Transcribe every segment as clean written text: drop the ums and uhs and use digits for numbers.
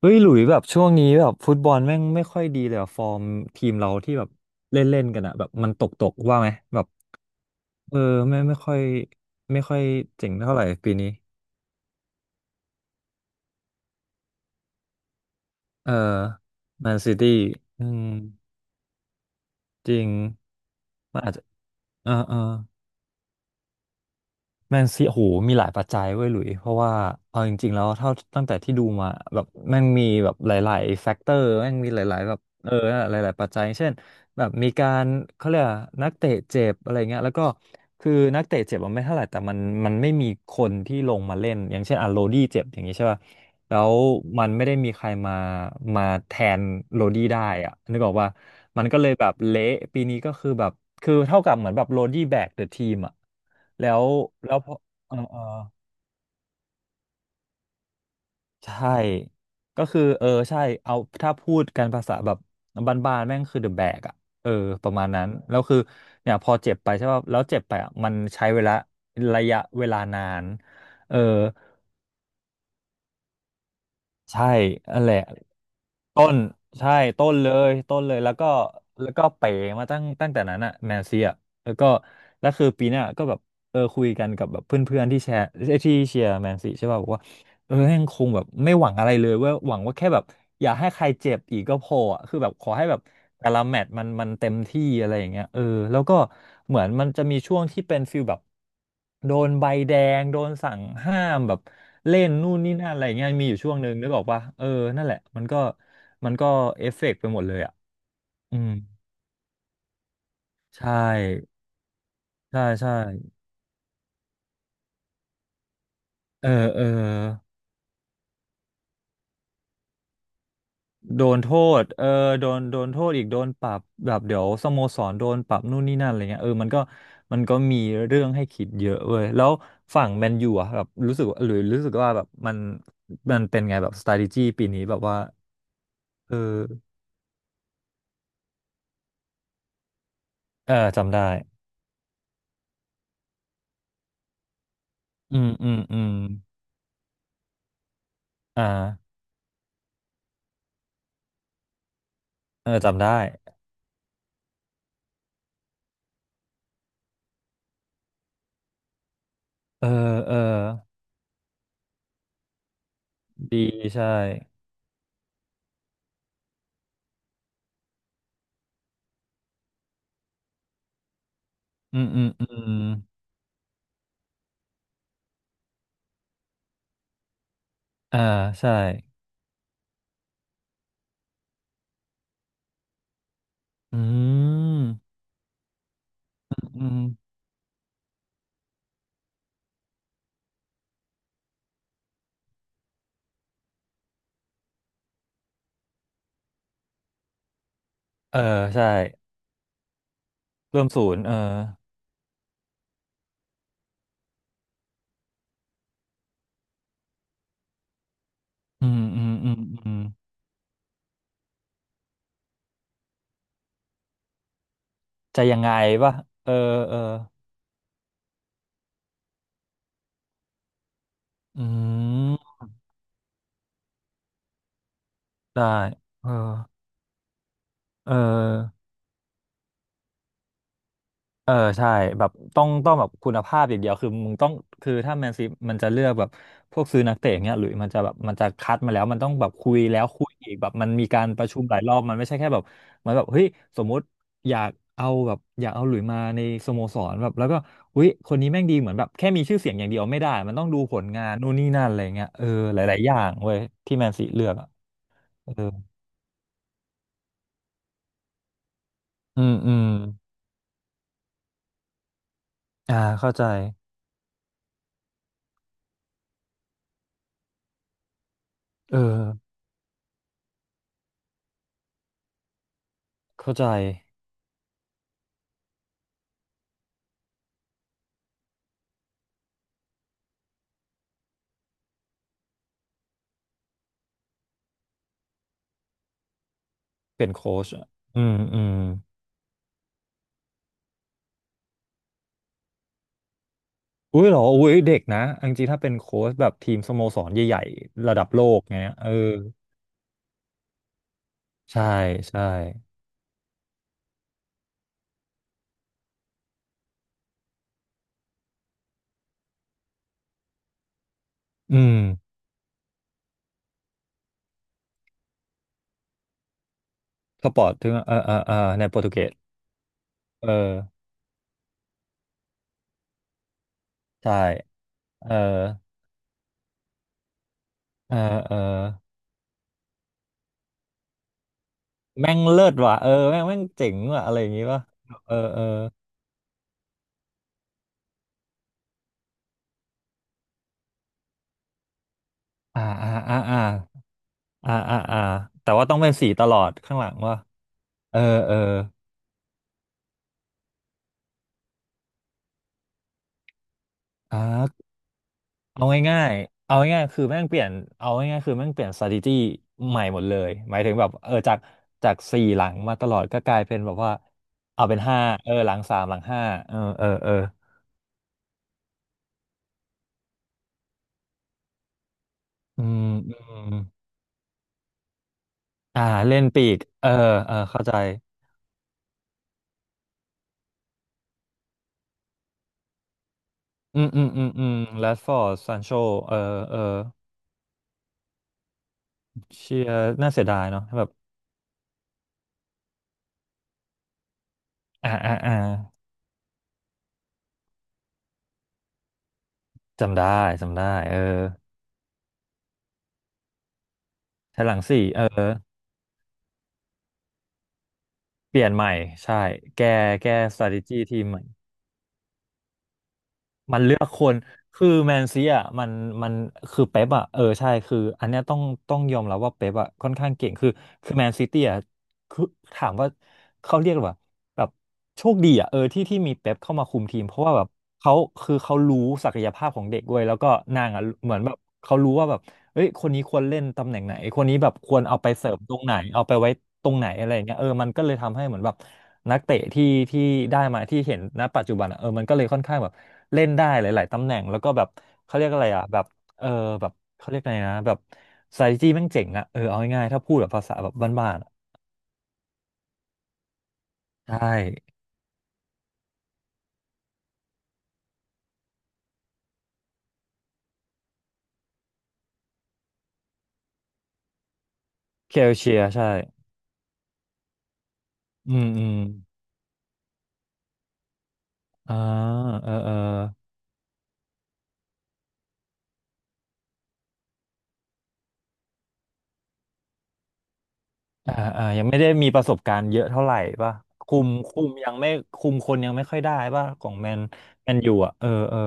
เฮ้ย หลุยแบบช่วงนี้แบบฟุตบอลแม่งไม่ค่อยดีเลยอะฟอร์มทีมเราที่แบบเล่นเล่นกันอะแบบมันตกว่าไหมแบบเออไม่ค่อยไม่ค่อยเจ๋งเท่าไหร่ปีนี้เออแมนซิตี้อืมจริงมันอาจจะเออ แมนซีโอ้โหมีหลายปัจจัยเว้ยหลุยเพราะว่าเอาจริงๆแล้วเท่าตั้งแต่ที่ดูมาแบบแม่งมีแบบหลายๆแฟกเตอร์แม่งมีหลายๆแบบเออนั่นแหละหลายๆปัจจัยเช่นแบบมีการเขาเรียกอะไรนักเตะเจ็บอะไรเงี้ยแล้วก็คือนักเตะเจ็บมันไม่เท่าไหร่แต่มันไม่มีคนที่ลงมาเล่นอย่างเช่นอ่ะโรดี้เจ็บอย่างงี้ใช่ป่ะ แล้วมันไม่ได้มีใครมาแทนโรดี้ได้อะนึกออกว่ามันก็เลยแบบเละปีนี้ก็คือแบบคือเท่ากับเหมือนแบบโรดี้แบกเดอะทีมอะแล้วแล้วพอเออใช่ก็คือเออใช่เอาถ้าพูดกันภาษาแบบบ้านๆแม่งคือเดอะแบกอะเออประมาณนั้นแล้วคือเนี่ยพอเจ็บไปใช่ป่ะแล้วเจ็บไปอะมันใช้เวลาระยะเวลานานเออใช่นั่นแหละ ต้นใช่ต้นเลยแล้วก็แล้วก็เป๋มาตั้งแต่นั้นอะแนนซี่อะแล้วก็แล้วคือปีหน้าก็แบบเออคุยกันกับแบบเพื่อนๆที่แชร์เอ้ยที่เชียร์แมนซีใช่ป่ะบอกว่า เออแม่งคงแบบไม่หวังอะไรเลยเว่าหวังว่าแค่แบบอย่าให้ใครเจ็บอีกก็พออะคือแบบขอให้แบบแต่ละแมตช์มันเต็มที่อะไรอย่างเงี้ยเออแล้วก็เหมือนมันจะมีช่วงที่เป็นฟิลแบบโดนใบแดงโดนสั่งห้ามแบบเล่นนู่นนี่นั่นอะไรอย่างเงี้ยมีอยู่ช่วงหนึ่งนึกออกปะเออนั่นแหละมันก็เอฟเฟกต์ไปหมดเลยอ่ะอืมใช่ใช่ใช่เออเออ โดนโทษเออโดนโทษอีกโดนปรับแบบเดี๋ยวสโมสรโดนปรับนู่นนี่นั่นอะไรเงี้ยเออมันก็มีเรื่องให้คิดเยอะเว้ยแล้วฝั่งแมนยูอะแบบรู้สึกว่าหรือรู้สึกว่าแบบมันมันเป็นไงแบบ strategy ปีนี้แบบว่าเออเออจำได้อืมอ่าเออจำได้เออเออดีใช่อืมอ่าใช่อืมอืมเออใช่เริ่มศูนย์เออ อืมอืมอืมอืมจะยังไงวะเออเอออืมได้เออเออ เออใช่แบบต้องแบบคุณภาพอย่างเดียวคือมึงต้องคือถ้าแมนซีมันจะเลือกแบบพวกซื้อนักเตะอย่างเงี้ยหรือมันจะแบบมันจะคัดมาแล้วมันต้องแบบคุยแล้วคุยอีกแบบมันมีการประชุมหลายรอบมันไม่ใช่แค่แบบมันแบบเฮ้ยสมมุติอยากเอาแบบอยากเอาหลุยมาในสโมสรแบบแล้วก็อุ้ยคนนี้แม่งดีเหมือนแบบแค่มีชื่อเสียงอย่างเดียวไม่ได้มันต้องดูผลงานนู่นนี่นั่นอะไรเงี้ยเออหลายๆอย่างเว้ยที่แมนซีเลือกอ่ะเอออืมอ่าเข้าใจเออเข้าใจเป็นโค้ชอะอืม อุ้ยเหรออุ้ยเด็กนะอองจริงถ้าเป็นโค้ชแบบทีมสโมสรใหญ่ๆระดับโลกเงี้ยเออใช่ใช่อืมสปอร์ตถึงเออในโปรตุเกสเออใช่เออเออเออแม่งเลิศว่ะเออแม่งเจ๋งว่ะอะไรอย่างงี้ป่ะเออเอออ่าอ่าแต่ว่าต้องเป็นสีตลอดข้างหลังว่ะเออเอออ่า เอาง่ายๆเอาง่ายๆคือแม่งเปลี่ยนเอาง่ายๆคือแม่งเปลี่ยน strategy ใหม่หมดเลย หมายถึงแบบเออจากจากสี่หลังมาตลอดก็กลายเป็นแบบว่าเอาเป็นห้าเออหลังสามหลังห้าเอออืมอ่าเล่นปีกเออเออเข้าใจอืมแรชฟอร์ดซานโชเออเออเชียร์น่าเสียดายเนาะแบบอ่าจำได้จำได้เออใช้หลังสี่เออเปลี่ยนใหม่ใช่แก้แก้ strategy ทีมใหม่ มันเลือกคนคือแมนซีอ่ะมันมันคือเป๊ปอ่ะเออใช่คืออันเนี้ยต้องยอมรับว่าเป๊ปอ่ะค่อนข้างเก่งคือคือแมนซิตี้อ่ะ คือถามว่าเขาเรียกว่าแบบโชคดีอ่ะเออที่มีเป๊ปเข้ามาคุมทีมเพราะว่าแบบเขาคือเขารู้ศักยภาพของเด็กด้วยแล้วก็นางอ่ะเหมือนแบบเขารู้ว่าแบบเอ้ยคนนี้ควรเล่นตำแหน่งไหนคนนี้แบบควรเอาไปเสริมตรงไหนเอาไปไว้ตรงไหนอะไรอย่างเงี้ยเออมันก็เลยทำให้เหมือนแบบนักเตะที่ได้มาที่เห็นณปัจจุบันอ่ะเออมันก็เลยค่อนข้างแบบเล่นได้หลายๆตำแหน่งแล้วก็แบบเขาเรียกอะไรอ่ะแบบเออแบบเขาเรียกอะไรนะแบบ strategy แม่งเจ๋งอ่ะเออเอาง่ายๆถ้าพูดแบบภาษาแบบบ้านๆอะ ใช่เคลเชียร์ใช่อืมอืมอ่าเออเอออ่าอ่ายังไม่ได้มีประสบการณ์เยอะเท่าไหร่ป่ะคุมยังไม่คุมคนยังไม่ค่อยได้ป่ะของแมนแมนยูอ่ะเออเออ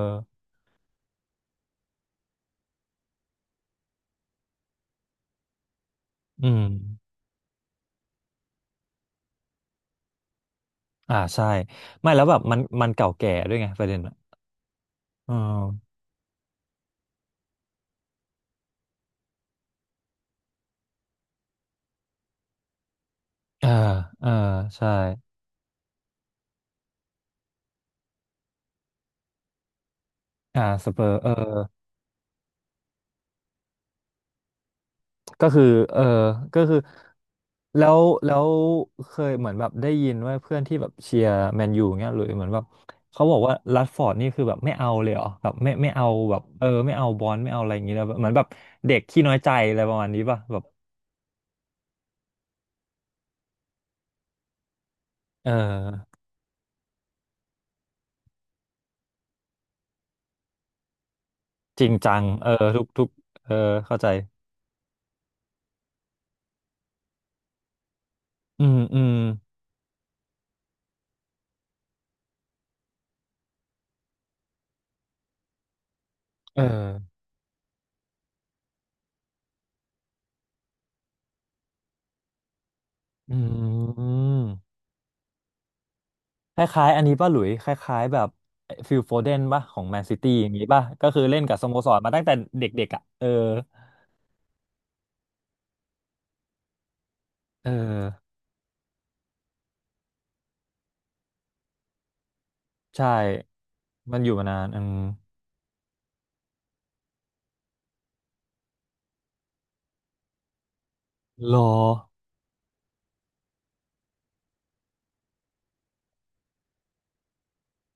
อืมอ่าใช่ไม่แล้วแบบมันเก่าแก่ด้วยไงประเด็นอ่ะเออเออเออใช่อ่าสเปอร์เออ ก็คือ เออ ก็คือ แล้วแล้วเคยเหมือนแบบได้ยินว่าเพื่อนที่แบบเชียร์แมนยูเงี้ยหรือเหมือนแบบเขาบอกว่ารัชฟอร์ดนี่คือแบบไม่เอาเลยเหรอแบบไม่เอาแบบเออไม่เอาบอลไม่เอาอะไรอย่างเงี้ยเลยเหมือนแบบเด็กขี้น้อยใจอะไรประมาณนี้ป่ะแบบเออจริงจังเออทุกทุกเออเข้าใจอืมอืมเอออืมคล้ายๆอันนี้ป่ะหลุย คล้ายๆแบบฟิลโฟเดนป่ะของแมนซิตี้อย่างนี้ป่ะ ก็คือเล่นกับสโมสรมาตั้งแต่เด็กๆอ่ะเออ เออใช่มันอยู่มานานอืมรอ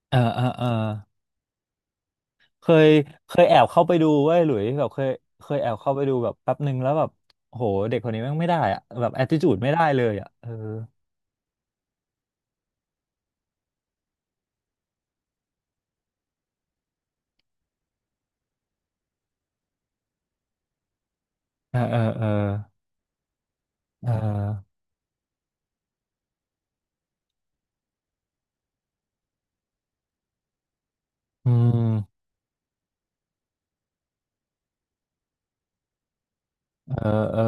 เออเออเออเคยเคยแอบเข้าไปดูเว้ยหลุยแบบเคยแอบเข้าไปดูแบบแป๊บหนึ่งแล้วแบบโหเด็กคนนี้แม่งไม่ได้อะแบบแอ t ติจูดไม่ได้เลยอะเออเออเออเออเอออืมเออเออ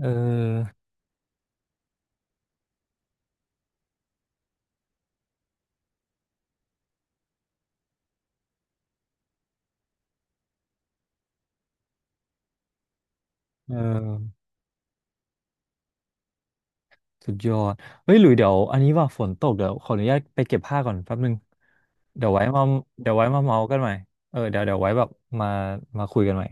เออเออสุดยอดเฮ้ยหลุยเดี๋ยวอันนี้ว่าฝนตกเดี๋ยวขออนุญาตไปเก็บผ้าก่อนแป๊บหนึ่งเดี๋ยวไว้มาเดี๋ยวไว้มาเมากันใหม่เออเดี๋ยวไว้แบบมามาคุยกันใหม่